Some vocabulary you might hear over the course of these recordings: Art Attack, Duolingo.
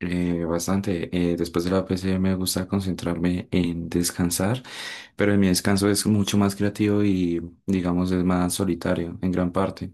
Bastante. Después de la PC me gusta concentrarme en descansar, pero en mi descanso es mucho más creativo y digamos es más solitario en gran parte,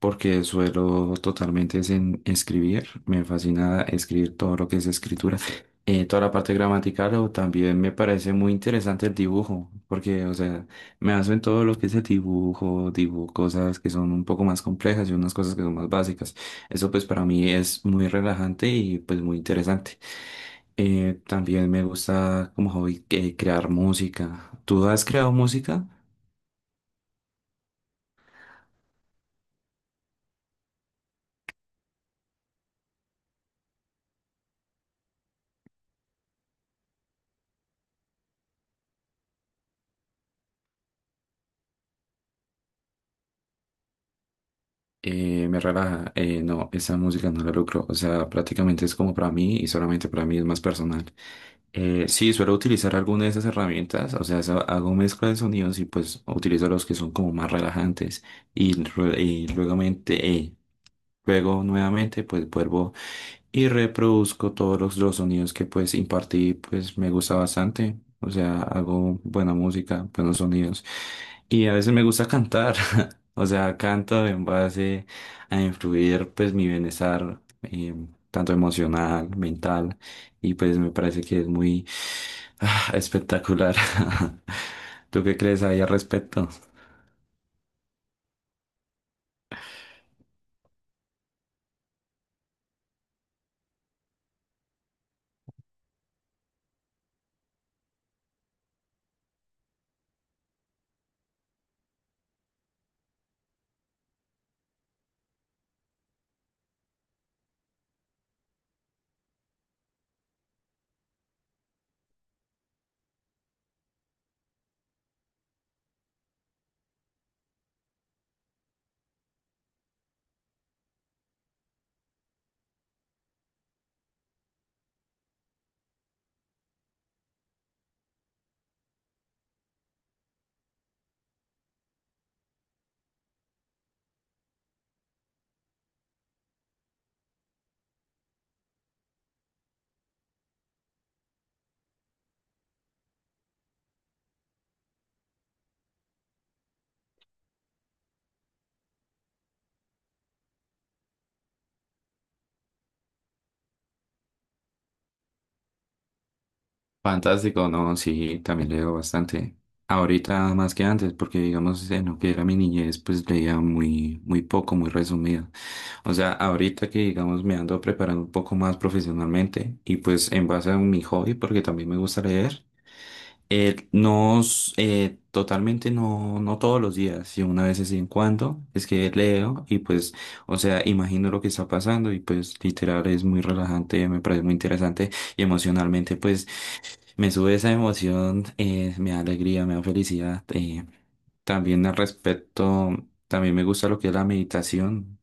porque suelo totalmente es en escribir. Me fascina escribir todo lo que es escritura, toda la parte gramatical o también me parece muy interesante el dibujo, porque o sea, me hacen todo lo que es el dibujo, dibujo cosas que son un poco más complejas y unas cosas que son más básicas. Eso pues para mí es muy relajante y pues muy interesante. También me gusta como hobby crear música. ¿Tú has creado música? Me relaja. No, esa música no la lucro. O sea, prácticamente es como para mí y solamente para mí es más personal. Sí, suelo utilizar alguna de esas herramientas. O sea, hago mezcla de sonidos y pues utilizo los que son como más relajantes. Y, y luego nuevamente pues vuelvo y reproduzco todos los sonidos que pues impartí, pues me gusta bastante. O sea, hago buena música, buenos sonidos. Y a veces me gusta cantar. O sea, canto en base a influir pues mi bienestar, tanto emocional, mental, y pues me parece que es muy espectacular. ¿Tú qué crees ahí al respecto? Fantástico, no, sí, también leo bastante. Ahorita más que antes, porque digamos en lo que era mi niñez, pues leía muy, muy poco, muy resumido. O sea, ahorita que digamos me ando preparando un poco más profesionalmente y pues en base a mi hobby, porque también me gusta leer, no, totalmente no, no todos los días, sino una vez de vez en cuando, es que leo y pues, o sea, imagino lo que está pasando y pues literal es muy relajante, me parece muy interesante y emocionalmente pues me sube esa emoción, me da alegría, me da felicidad. También al respecto, también me gusta lo que es la meditación.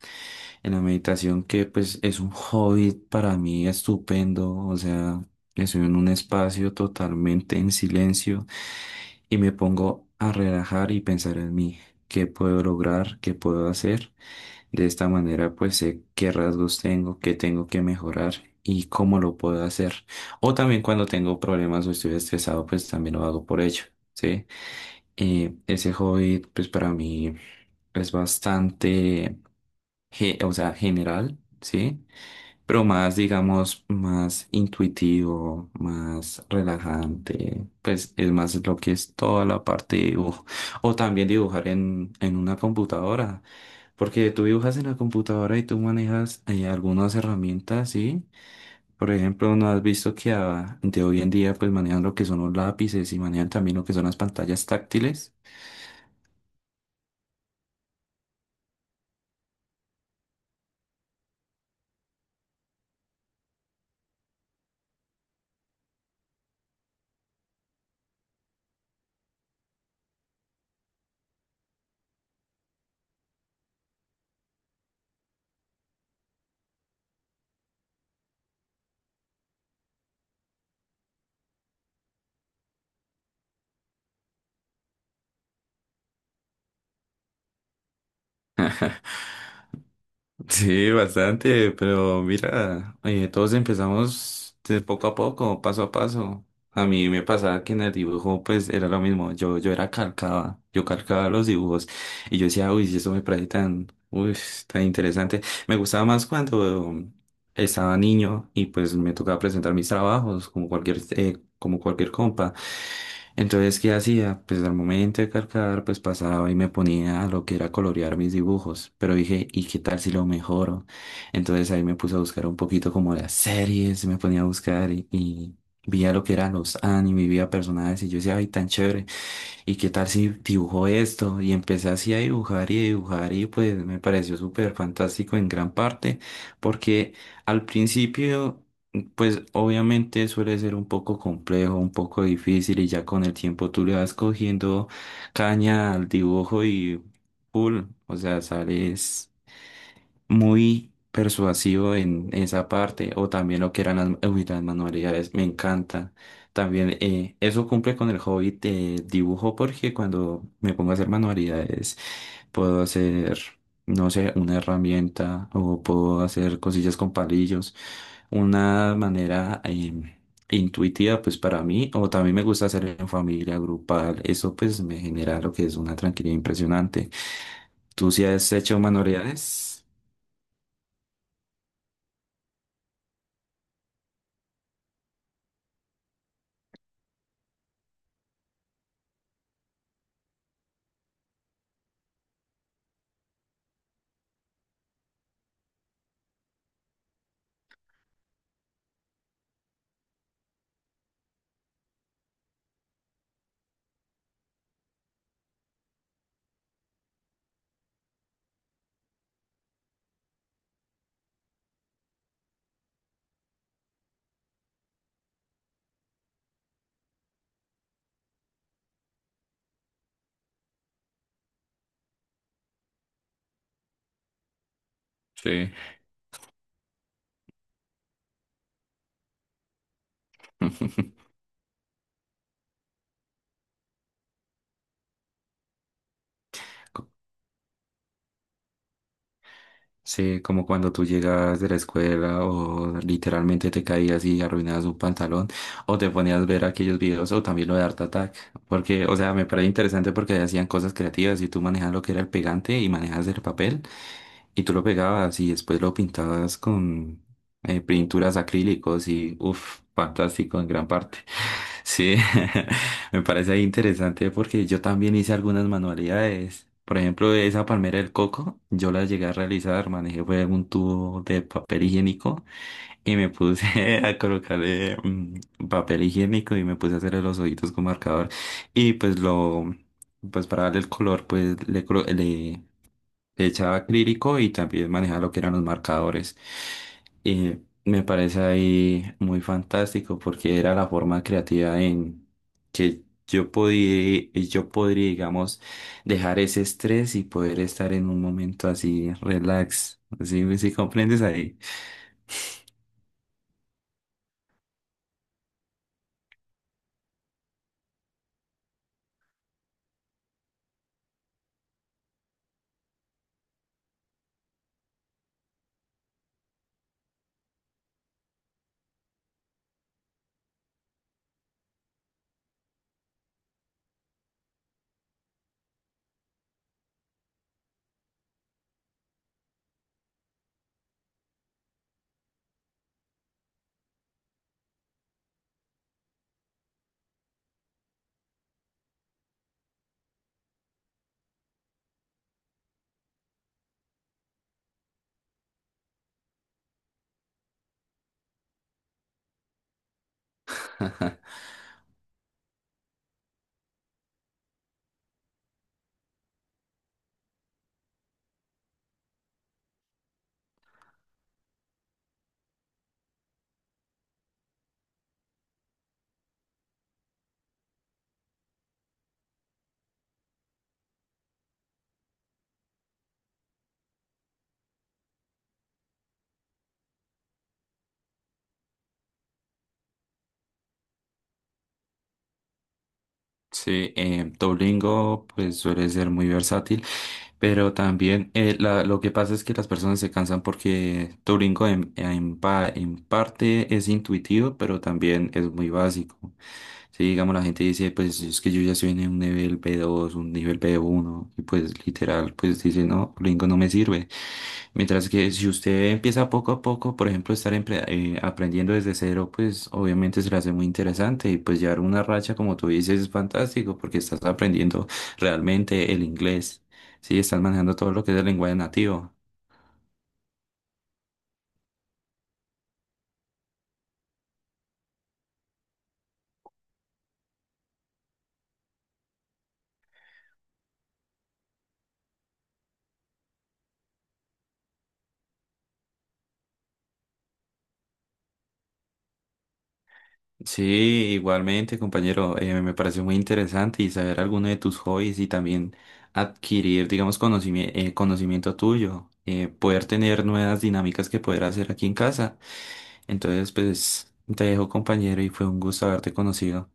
En la meditación que pues es un hobby para mí estupendo, o sea, estoy en un espacio totalmente en silencio y me pongo a relajar y pensar en mí, qué puedo lograr, qué puedo hacer. De esta manera, pues sé qué rasgos tengo, qué tengo que mejorar y cómo lo puedo hacer. O también cuando tengo problemas o estoy estresado, pues también lo hago por ello, ¿sí? Ese hobby, pues para mí es bastante, o sea, general, ¿sí? Pero más, digamos, más intuitivo, más relajante, pues es más lo que es toda la parte de dibujo. O también dibujar en una computadora, porque tú dibujas en la computadora y tú manejas algunas herramientas, ¿sí? Por ejemplo, ¿no has visto que de hoy en día pues manejan lo que son los lápices y manejan también lo que son las pantallas táctiles? Sí, bastante, pero mira, todos empezamos de poco a poco, paso a paso. A mí me pasaba que en el dibujo pues era lo mismo, yo era calcaba, yo calcaba los dibujos y yo decía, uy, si eso me parece tan, uy, tan interesante. Me gustaba más cuando estaba niño y pues me tocaba presentar mis trabajos como cualquier compa. Entonces, ¿qué hacía? Pues al momento de cargar, pues pasaba y me ponía a lo que era colorear mis dibujos. Pero dije, ¿y qué tal si lo mejoro? Entonces ahí me puse a buscar un poquito como las series, me ponía a buscar y vi a lo que eran los anime, vi a personajes y yo decía, ay, tan chévere. ¿Y qué tal si dibujo esto? Y empecé así a dibujar y pues me pareció súper fantástico en gran parte, porque al principio, pues obviamente suele ser un poco complejo, un poco difícil y ya con el tiempo tú le vas cogiendo caña al dibujo y... full o sea, sales muy persuasivo en esa parte, o también lo que eran las, uy, las manualidades, me encanta. También eso cumple con el hobby de dibujo porque cuando me pongo a hacer manualidades puedo hacer, no sé, una herramienta o puedo hacer cosillas con palillos, una manera intuitiva pues para mí, o también me gusta hacer en familia, grupal, eso pues me genera lo que es una tranquilidad impresionante. ¿Tú sí has hecho manualidades? Sí. Sí, como cuando tú llegas de la escuela o literalmente te caías y arruinabas un pantalón o te ponías a ver aquellos videos o también lo de Art Attack, porque, o sea, me parece interesante porque hacían cosas creativas y tú manejabas lo que era el pegante y manejabas el papel y tú lo pegabas y después lo pintabas con pinturas acrílicos y, uff, fantástico en gran parte. Sí, me parece ahí interesante porque yo también hice algunas manualidades. Por ejemplo, esa palmera del coco, yo la llegué a realizar, manejé fue un tubo de papel higiénico y me puse a colocarle papel higiénico y me puse a hacerle los ojitos con marcador. Y pues lo, pues para darle el color, pues le, le echaba acrílico y también manejaba lo que eran los marcadores. Y me parece ahí muy fantástico porque era la forma creativa en que yo podía, yo podría, digamos, dejar ese estrés y poder estar en un momento así relax. ¿Sí, sí comprendes ahí? Sí, Duolingo pues suele ser muy versátil. Pero también lo que pasa es que las personas se cansan porque Turingo en parte es intuitivo, pero también es muy básico. Si digamos la gente dice, pues es que yo ya estoy en un nivel B2 un nivel B1 y pues literal, pues dice, no, Duolingo no me sirve. Mientras que si usted empieza poco a poco, por ejemplo, estar aprendiendo desde cero, pues obviamente se le hace muy interesante y pues llevar una racha, como tú dices, es fantástico porque estás aprendiendo realmente el inglés. Sí, están manejando todo lo que es el lenguaje nativo. Sí, igualmente, compañero, me pareció muy interesante y saber alguno de tus hobbies y también adquirir, digamos, conocimiento tuyo, poder tener nuevas dinámicas que poder hacer aquí en casa. Entonces, pues, te dejo, compañero, y fue un gusto haberte conocido.